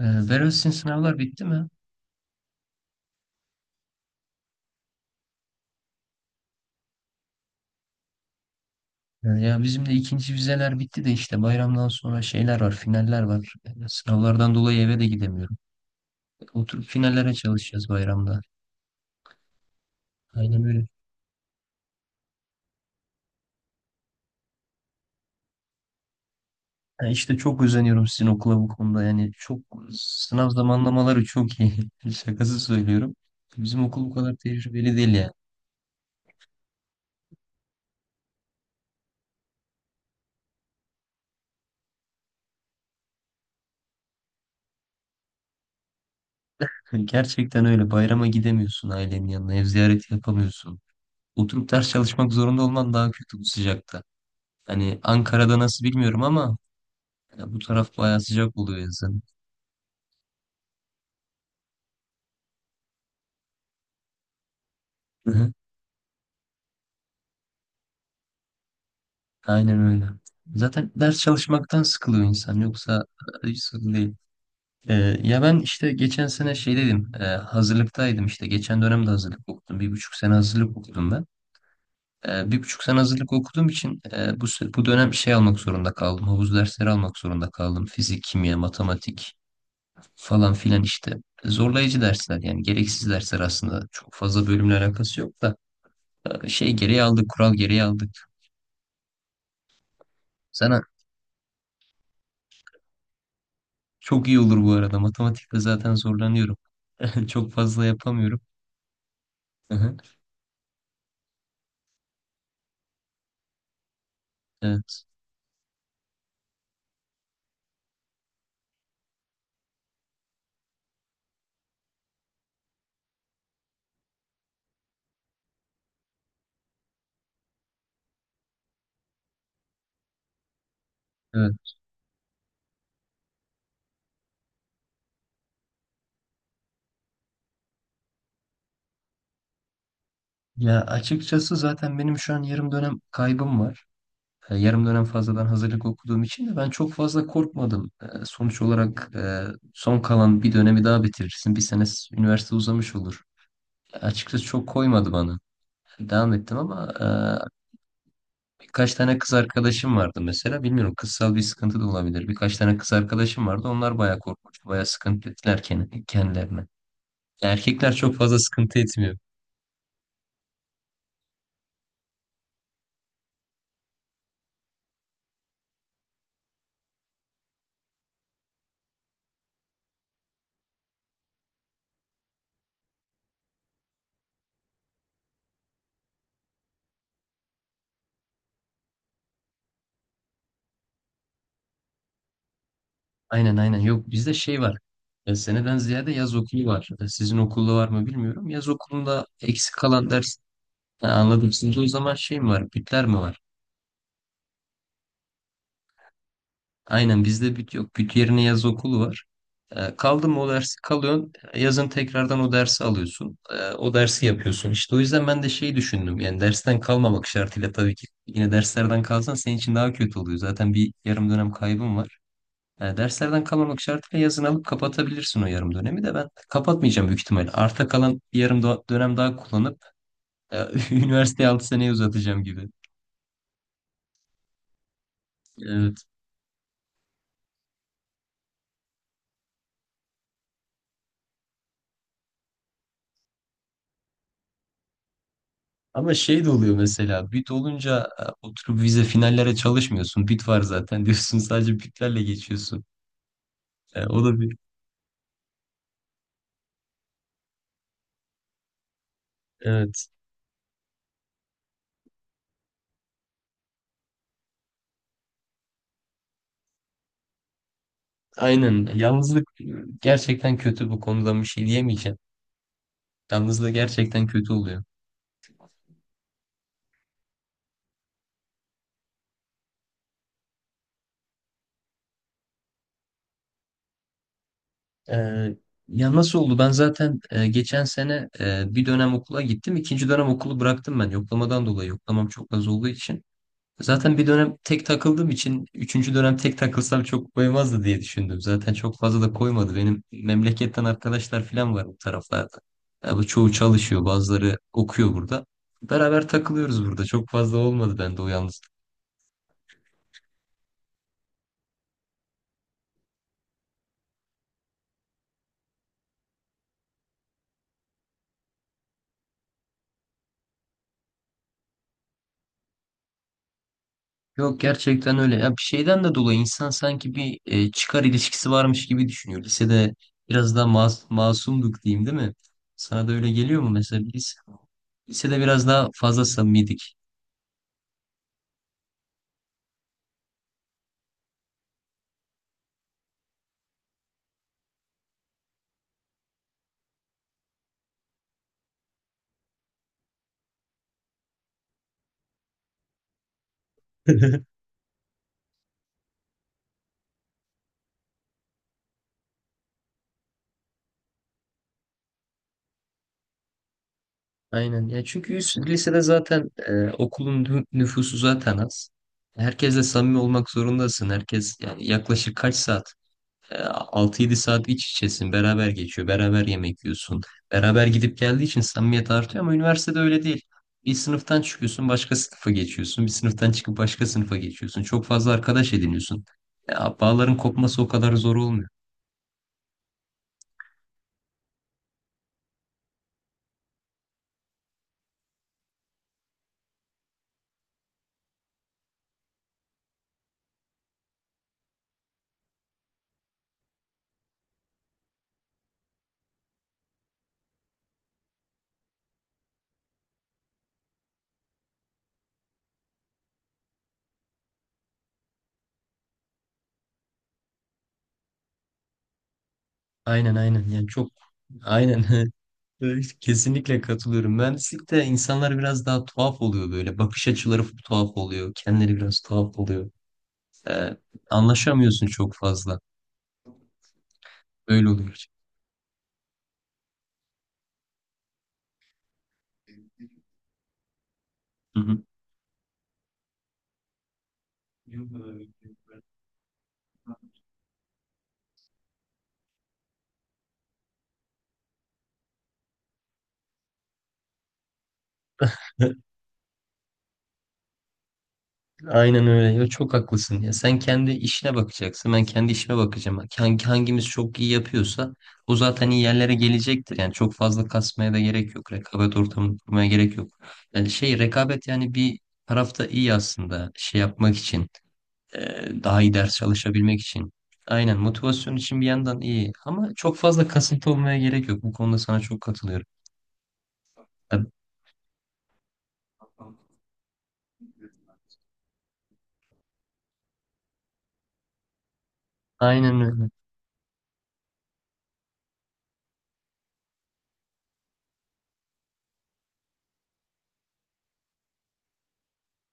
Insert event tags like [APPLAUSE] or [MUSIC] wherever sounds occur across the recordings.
Berat sizin sınavlar bitti mi? Ya bizim de ikinci vizeler bitti de işte bayramdan sonra şeyler var, finaller var. Sınavlardan dolayı eve de gidemiyorum. Oturup finallere çalışacağız bayramda. Aynen öyle. Ya işte çok özeniyorum sizin okula bu konuda. Yani çok sınav zamanlamaları çok iyi. [LAUGHS] Şakası söylüyorum. Bizim okul bu kadar tecrübeli değil ya. [LAUGHS] Gerçekten öyle. Bayrama gidemiyorsun ailenin yanına. Ev ziyareti yapamıyorsun. Oturup ders çalışmak zorunda olman daha kötü bu sıcakta. Hani Ankara'da nasıl bilmiyorum ama, ya bu taraf bayağı sıcak oluyor yazın. Hı hı. Aynen öyle. Zaten ders çalışmaktan sıkılıyor insan. Yoksa hiç sıkıntı değil. Ee, Ya ben işte geçen sene şey dedim. Hazırlıktaydım işte. Geçen dönemde hazırlık okudum. Bir buçuk sene hazırlık okudum ben. Bir buçuk sene hazırlık okuduğum için bu dönem şey almak zorunda kaldım. Havuz dersleri almak zorunda kaldım. Fizik, kimya, matematik falan filan işte. Zorlayıcı dersler yani gereksiz dersler aslında. Çok fazla bölümle alakası yok da, şey gereği aldık, kural gereği aldık. Sen Çok iyi olur bu arada. Matematikte zaten zorlanıyorum. [LAUGHS] Çok fazla yapamıyorum. Hı hı. Evet. Evet. Ya açıkçası zaten benim şu an yarım dönem kaybım var. Yarım dönem fazladan hazırlık okuduğum için de ben çok fazla korkmadım. Sonuç olarak, son kalan bir dönemi daha bitirirsin. Bir sene üniversite uzamış olur. Açıkçası çok koymadı bana. Devam ettim ama, birkaç tane kız arkadaşım vardı mesela. Bilmiyorum kızsal bir sıkıntı da olabilir. Birkaç tane kız arkadaşım vardı. Onlar bayağı korkmuştu. Bayağı sıkıntı ettiler kendilerine. Erkekler çok fazla sıkıntı etmiyor. Aynen aynen. Yok bizde şey var. Seneden ziyade yaz okulu var. Sizin okulda var mı bilmiyorum. Yaz okulunda eksik kalan ders. Ha, anladım. Sizde o zaman şey mi var? Bütler mi var? Aynen bizde büt yok. Büt yerine yaz okulu var. Kaldı mı o dersi kalıyorsun. Yazın tekrardan o dersi alıyorsun. O dersi yapıyorsun. İşte o yüzden ben de şey düşündüm. Yani dersten kalmamak şartıyla tabii ki. Yine derslerden kalsan senin için daha kötü oluyor. Zaten bir yarım dönem kaybın var. Derslerden kalmamak şartıyla yazın alıp kapatabilirsin o yarım dönemi. De ben kapatmayacağım büyük ihtimal. Arta kalan bir yarım dönem daha kullanıp, e, [LAUGHS] üniversiteyi 6 seneye uzatacağım gibi. Evet. Ama şey de oluyor mesela bit olunca, oturup vize finallere çalışmıyorsun. Bit var zaten diyorsun, [LAUGHS] sadece bitlerle geçiyorsun. O da bir. Evet. Aynen. Yalnızlık, gerçekten kötü bu konuda bir şey diyemeyeceğim. Yalnızlık gerçekten kötü oluyor. Ee, Ya nasıl oldu? Ben zaten, geçen sene, bir dönem okula gittim. İkinci dönem okulu bıraktım ben yoklamadan dolayı. Yoklamam çok az olduğu için. Zaten bir dönem tek takıldığım için üçüncü dönem tek takılsam çok koymazdı diye düşündüm. Zaten çok fazla da koymadı. Benim memleketten arkadaşlar falan var bu taraflarda. Ya bu çoğu çalışıyor, bazıları okuyor burada. Beraber takılıyoruz burada. Çok fazla olmadı bende o yalnızlık. Yok gerçekten öyle. Ya bir şeyden de dolayı insan sanki bir, çıkar ilişkisi varmış gibi düşünüyor. Lisede biraz daha masumduk diyeyim değil mi? Sana da öyle geliyor mu mesela biz? Lisede biraz daha fazla samimiydik. [LAUGHS] Aynen. Ya çünkü lisede zaten, okulun nüfusu zaten az. Herkesle samimi olmak zorundasın. Herkes yani yaklaşık kaç saat? 6-7 saat iç içesin, beraber geçiyor, beraber yemek yiyorsun. Beraber gidip geldiği için samimiyet artıyor ama üniversitede öyle değil. Bir sınıftan çıkıyorsun, başka sınıfa geçiyorsun. Bir sınıftan çıkıp başka sınıfa geçiyorsun. Çok fazla arkadaş ediniyorsun. Ya, bağların kopması o kadar zor olmuyor. Aynen aynen yani çok aynen. [LAUGHS] Evet, kesinlikle katılıyorum. Mühendislikte insanlar biraz daha tuhaf oluyor böyle. Bakış açıları tuhaf oluyor. Kendileri biraz tuhaf oluyor. Ee, Anlaşamıyorsun çok fazla. Öyle oluyor. Hı hı. [LAUGHS] Evet, aynen öyle. Ya çok haklısın ya. Sen kendi işine bakacaksın. Ben kendi işime bakacağım. Hangimiz çok iyi yapıyorsa o zaten iyi yerlere gelecektir. Yani çok fazla kasmaya da gerek yok. Rekabet ortamını kurmaya gerek yok. Yani şey rekabet yani bir tarafta iyi aslında şey yapmak için. Daha iyi ders çalışabilmek için. Aynen motivasyon için bir yandan iyi. Ama çok fazla kasıntı olmaya gerek yok. Bu konuda sana çok katılıyorum. Ya, aynen öyle.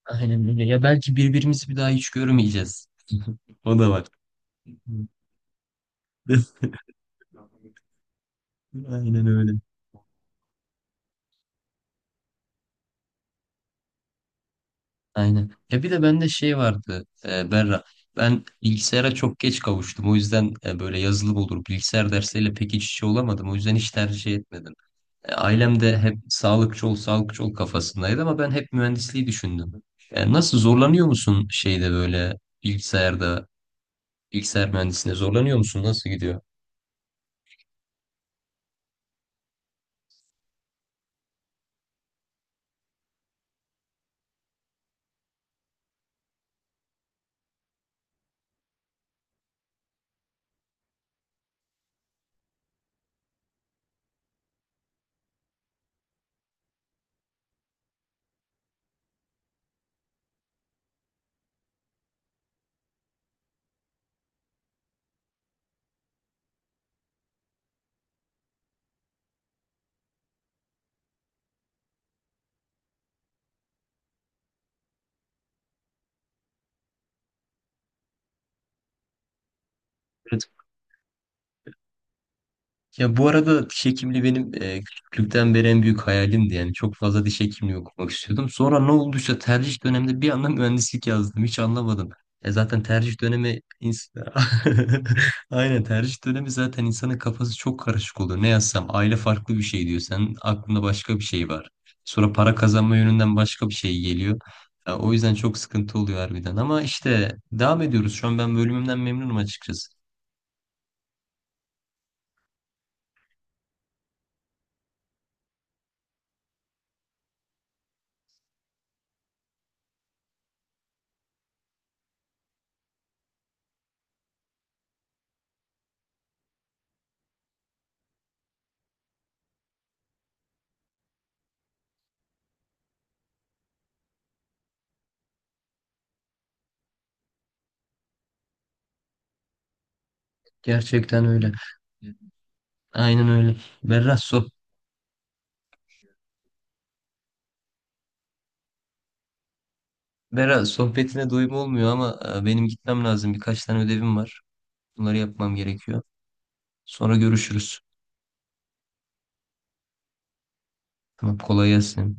Aynen öyle. Ya belki birbirimizi bir daha hiç görmeyeceğiz. O da var. [LAUGHS] Aynen öyle. Aynen. Ya bir de bende şey vardı, Berra. Ben bilgisayara çok geç kavuştum. O yüzden, böyle yazılım olur. Bilgisayar dersleriyle pek iç içe olamadım. O yüzden hiç tercih etmedim. Ailem de hep sağlıkçı ol, sağlıkçı ol kafasındaydı ama ben hep mühendisliği düşündüm. Nasıl zorlanıyor musun şeyde böyle bilgisayarda, bilgisayar mühendisliğinde zorlanıyor musun? Nasıl gidiyor? Ya bu arada diş hekimliği benim, küçüklükten beri en büyük hayalimdi. Yani çok fazla diş hekimliği okumak istiyordum. Sonra ne olduysa tercih döneminde bir anda mühendislik yazdım. Hiç anlamadım. Zaten tercih dönemi [LAUGHS] Aynen tercih dönemi zaten insanın kafası çok karışık oluyor. Ne yazsam aile farklı bir şey diyor. Senin aklında başka bir şey var. Sonra para kazanma yönünden başka bir şey geliyor. Ya o yüzden çok sıkıntı oluyor harbiden. Ama işte devam ediyoruz. Şu an ben bölümümden memnunum açıkçası. Gerçekten öyle. Aynen öyle. Berra, Berra sohbetine doyum olmuyor ama, benim gitmem lazım. Birkaç tane ödevim var. Bunları yapmam gerekiyor. Sonra görüşürüz. Tamam, kolay gelsin.